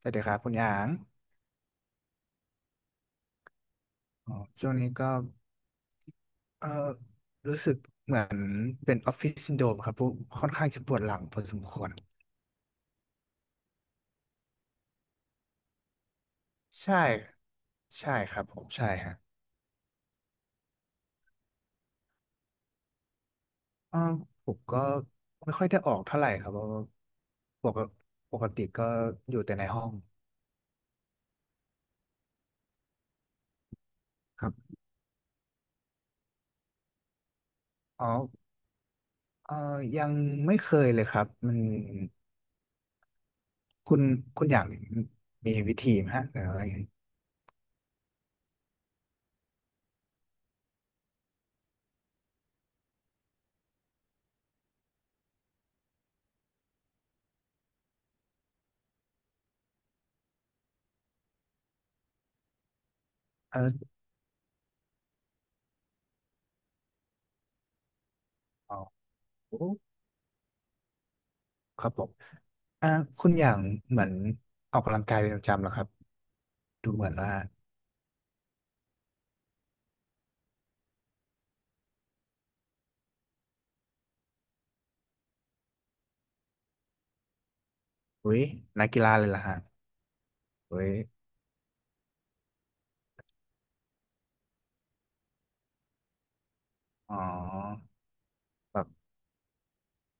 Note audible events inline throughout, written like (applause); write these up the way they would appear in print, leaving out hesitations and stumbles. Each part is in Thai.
สวัสดีครับคุณหยางอ๋อช่วงนี้ก็เออรู้สึกเหมือนเป็นออฟฟิศซินโดรมครับผค่อนข้างจะปวดหลังพอสมควรใช่ใช่ครับผมใช่ฮะเออผมก็ไม่ค่อยได้ออกเท่าไหร่ครับเพราะว่าปกปกติก็อยู่แต่ในห้องครับอ๋อเออยังไม่เคยเลยครับมันคุณคุณหยางมีวิธีไหมฮะหรืออะไรเอออ๋อ ครับผมอ่าคุณอย่างเหมือนออกกำลังกายเป็นประจำเหรอครับดูเหมือนว่าอุ้ยนักกีฬาเลยล่ะฮะอุ้ยอ๋อแบบ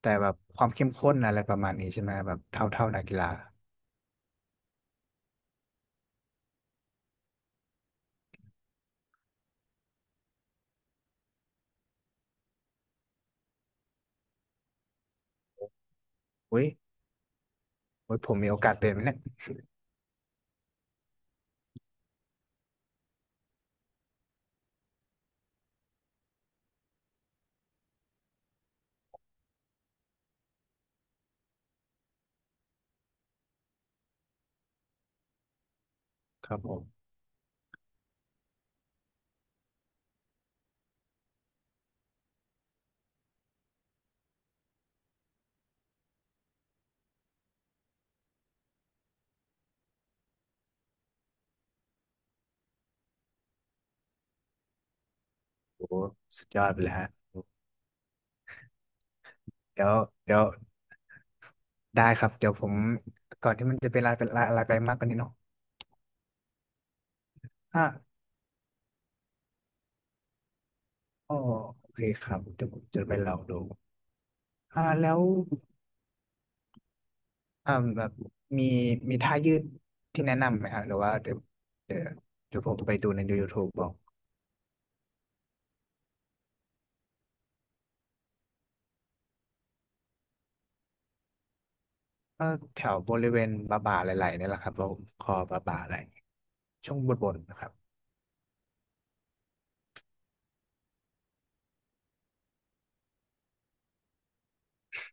แต่แบบความเข้มข้นอะไรประมาณนี้ใช่ไหมแบบเท่านักกีฬาอุ้ยอุ้ยผมมีโอกาสเป็นไหมเนี่ยครับผมโอ้สุดยอดไปเลยฮะ เดี๋ยวเดี๋ยวได้ครับ เดี๋ยวผมก่อนที่มันจะเป็นอะไรเป็นลายอะไรไปมากกว่านี้เนาะอ่ะอ๋อโอเคครับเดี๋ยวผมจะไปลองดูอ่าแล้ว อ่าแบบมีมีท่ายืดที่แนะนำไหมฮะหรือว่าเดี๋ยวเดี๋ยวผมไปดูใน YouTube บอกก็แถวบริเวณบ่าไหล่ๆนี่แหละครับผมคอบ่าไหล่ช่วงบนนะครับ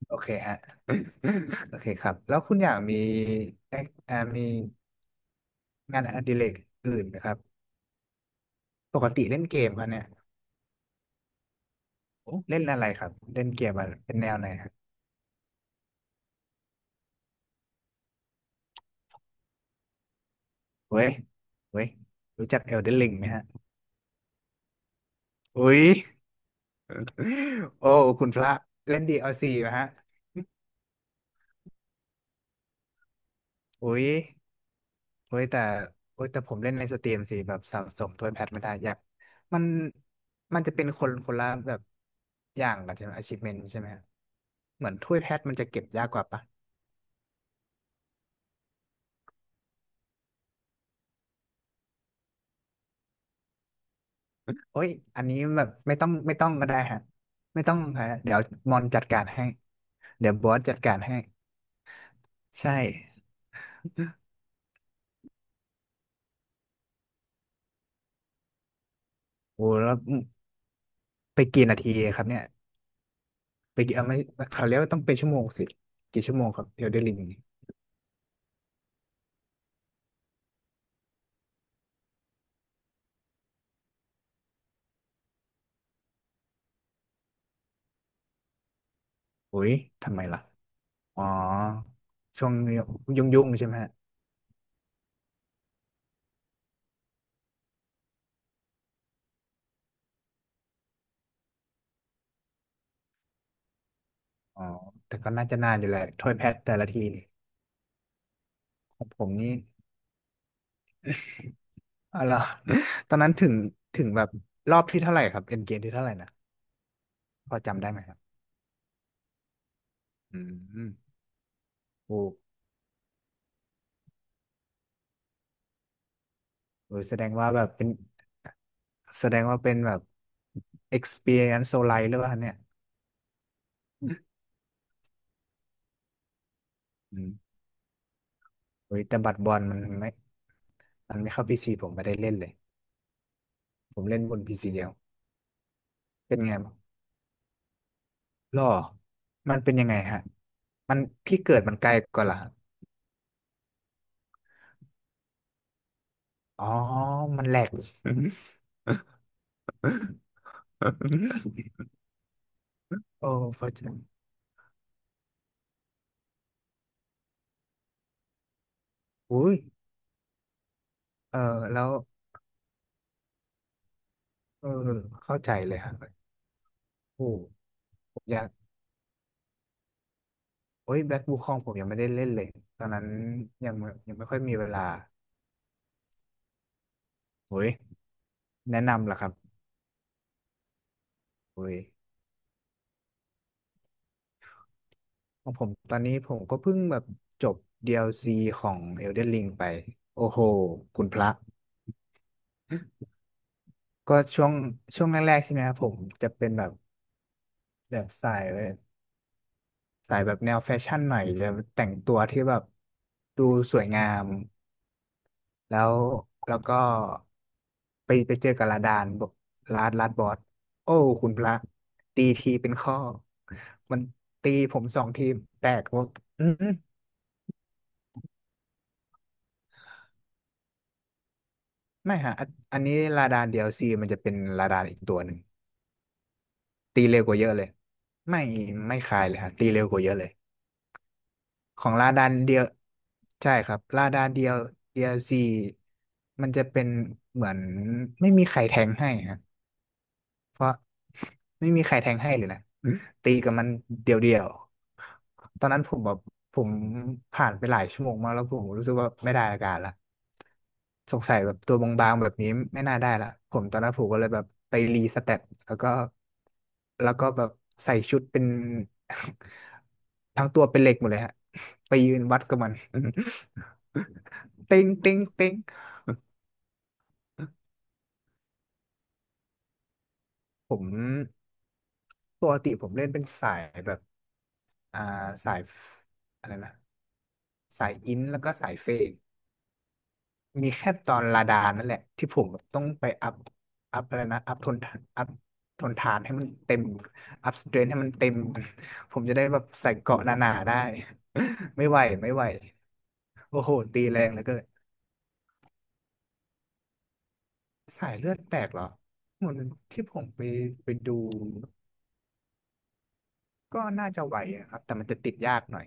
โอเคฮะ (coughs) (laughs) โอเคครับแล้วคุณอยากมีเอ่ออ่ามีงานอดิเรกอื่นไหมครับปกติเล่นเกมครับเนี่ยโอ้เล่นอะไรครับเล่นเกมอะไรเป็นแนวไหนครับเว้ยเว้ยรู้จักเอลเดนริงไหมฮะอุ้ย โอ้คุณพระเล่น DLC นะฮะโอ้ยโอ้ยแต่โอ้ยแต่ผมเล่นในสตรีมสิแบบสะสมถ้วยแพทไม่ได้อยากมันมันจะเป็นคนคนละแบบอย่างกันใช่ไหม achievement ใช่ไหมฮะเหมือนถ้วยแพทมันจะเก็บยากกว่าปะโอ้ยอันนี้แบบไม่ต้องก็ได้ฮะไม่ต้องฮะเดี๋ยวมอนจัดการให้เดี๋ยวบอสจัดการให้ใช่โอ้แล้วไปกี่นาทีครับเนี่ยไปกี่เอาไม่เขาเรียกว่าต้องเป็นชั่วโมงสิกี่ชั่วโมงครับเอลเดนริง อุ๊ยทำไมล่ะอ๋อช่วงยุ่งๆใช่ไหมฮะอ๋อแต่ก็น่าจะนานอยู่แหละถ้วยแพทแต่ละทีนี่ของผมนี่อะไรอ (laughs) ตอนนั้นถึงแบบรอบที่เท่าไหร่ครับเอ็นเกมที่เท่าไหร่นะพอจำได้ไหมครับอืมโอ้โหแสดงว่าเป็นแบบ experience so l i g h หรือเปล่าเนี่ยอืมโอ้ยแต่บัตรบอลมันไม่เข้าพีซีผมไม่ได้เล่นเลยผมเล่นบนพีซีเดียวเป็นไง หรอมันเป็นยังไงฮะมันพี่เกิดมันไกลกว่าล่ะ อ๋อ มันแหลก (laughs) โอ้พระเจ้าอุ้ยเออแล้วเออเข้าใจเลยครับโอ้ผมอยากโอ้ยแบ็คบูคองผมยังไม่ได้เล่นเลย ตอนนั้นยังไม่ค่อยมีเวลาโอ้ยแนะนำล่ะครับโอ้ยของผมตอนนี้ผมก็เพิ่งแบบจบ DLC ของ Elden Ring ไป โอ้โห คุณพระ ก็ช่วงช่วงแรกๆใช่ไหมครับผมจะเป็นแบบ แบบสายเลยสายแบบแนวแฟชั่นหน่อยจะแต่งตัวที่แบบดูสวยงามแล้วแล้วก็ไปเจอกับลาดานบอกลาดบอสโอ้คุณพระตีทีเป็นข้อมันตีผมสองทีแตกว่าอืมไม่ฮะอันนี้ลาดานเดียวซีมันจะเป็นลาดานอีกตัวหนึ่งตีเร็วกว่าเยอะเลยไม่ไม่คลายเลยฮะตีเร็วกว่าเยอะเลย ของลาดานเดียวใช่ครับลาดานเดียว DLC มันจะเป็นเหมือนไม่มีใครแทงให้ฮะ เพราะไม่มีใครแทงให้เลยนะตีกับมันเดียวๆตอนนั้นผมแบบผมผ่านไปหลายชั่วโมงมากแล้วผมรู้สึกว่าไม่ได้อาการละสงสัยแบบตัวบางๆแบบนี้ไม่น่าได้ละผมตอนนั้นผมก็เลยแบบไปรีสเต็ปแล้วก็แล้วก็แบบใส่ชุดเป็น (laughs) ทั้งตัวเป็นเหล็กหมดเลยฮะ (laughs) ไปยืนวัดกับมัน (laughs) เต็งเต็งเต็งผมปกติผมเล่นเป็นสายแบบ อ่าสายฟอะไรนะสายอินแล้วก็สายเฟดมีแค่ตอนลาดานั่นแหละที่ผมแบบต้องไปอัพอัพอะไรนะอัพทนทานอัพทนทานให้มันเต็มอัพสเตรนให้มันเต็มผมจะได้แบบใส่เกราะหนาๆได้ (laughs) ไม่ไหวไม่ไหวโอ้โหตีแรงเหลือเกินสายเลือดแตกเหรอเหมือนที่ผมไปดูก็น่าจะไหวอะครับแต่มันจะติดยากหน่อย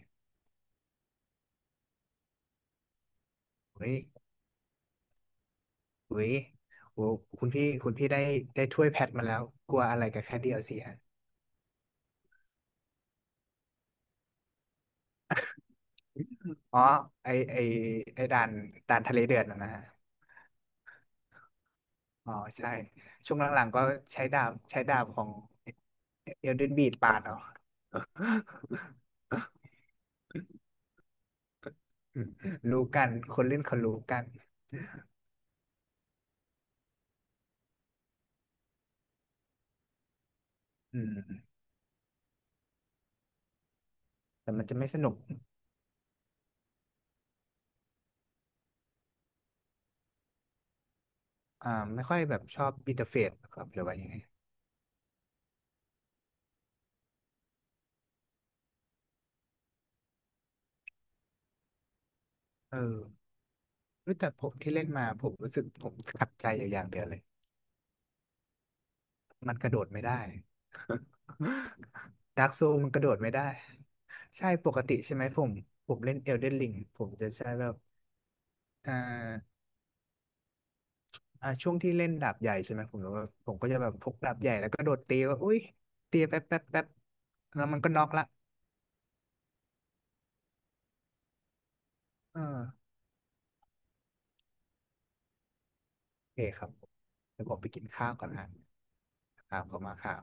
เฮ้ยเฮ้ยโอ้คุณพี่ได้ถ้วยแพทมาแล้วกลัวอะไรกับแค่ DLC ฮะ อ๋อไอไอไอด่านทะเลเดือดนะฮะอ๋อใช่ช่วงหลังๆ ก็ใช้ดาบของเอลเดนบีดปาดเอา (laughs) รู้กัน คนเล่นเขารู้กันอืมแต่มันจะไม่สนุกอ่าไม่ค่อยแบบชอบอินเทอร์เฟซครับหรือว่ายังไงเออเอ้ยแต่ผมที่เล่นมาผมรู้สึกผมขัดใจอยู่อย่างเดียวเลย มันกระโดดไม่ได้ (laughs) ดาร์กโซมันกระโดดไม่ได้ ใช่ ปกติใช่ไหมผมเล่นเอลเดนริงผมจะใช้แบบเอ่า อ่าช่วงที่เล่นดาบใหญ่ใช่ไหมผมก็จะแบบพกดาบใหญ่แล้วก็โดดตีว่าอุ้ยตีแป๊บแป๊บแป๊บแล้วมันก็น็อกละเออโอเคครับเดี๋ยวผมไปกินข้าวก่อนนะข่าวเข้ามาข่าว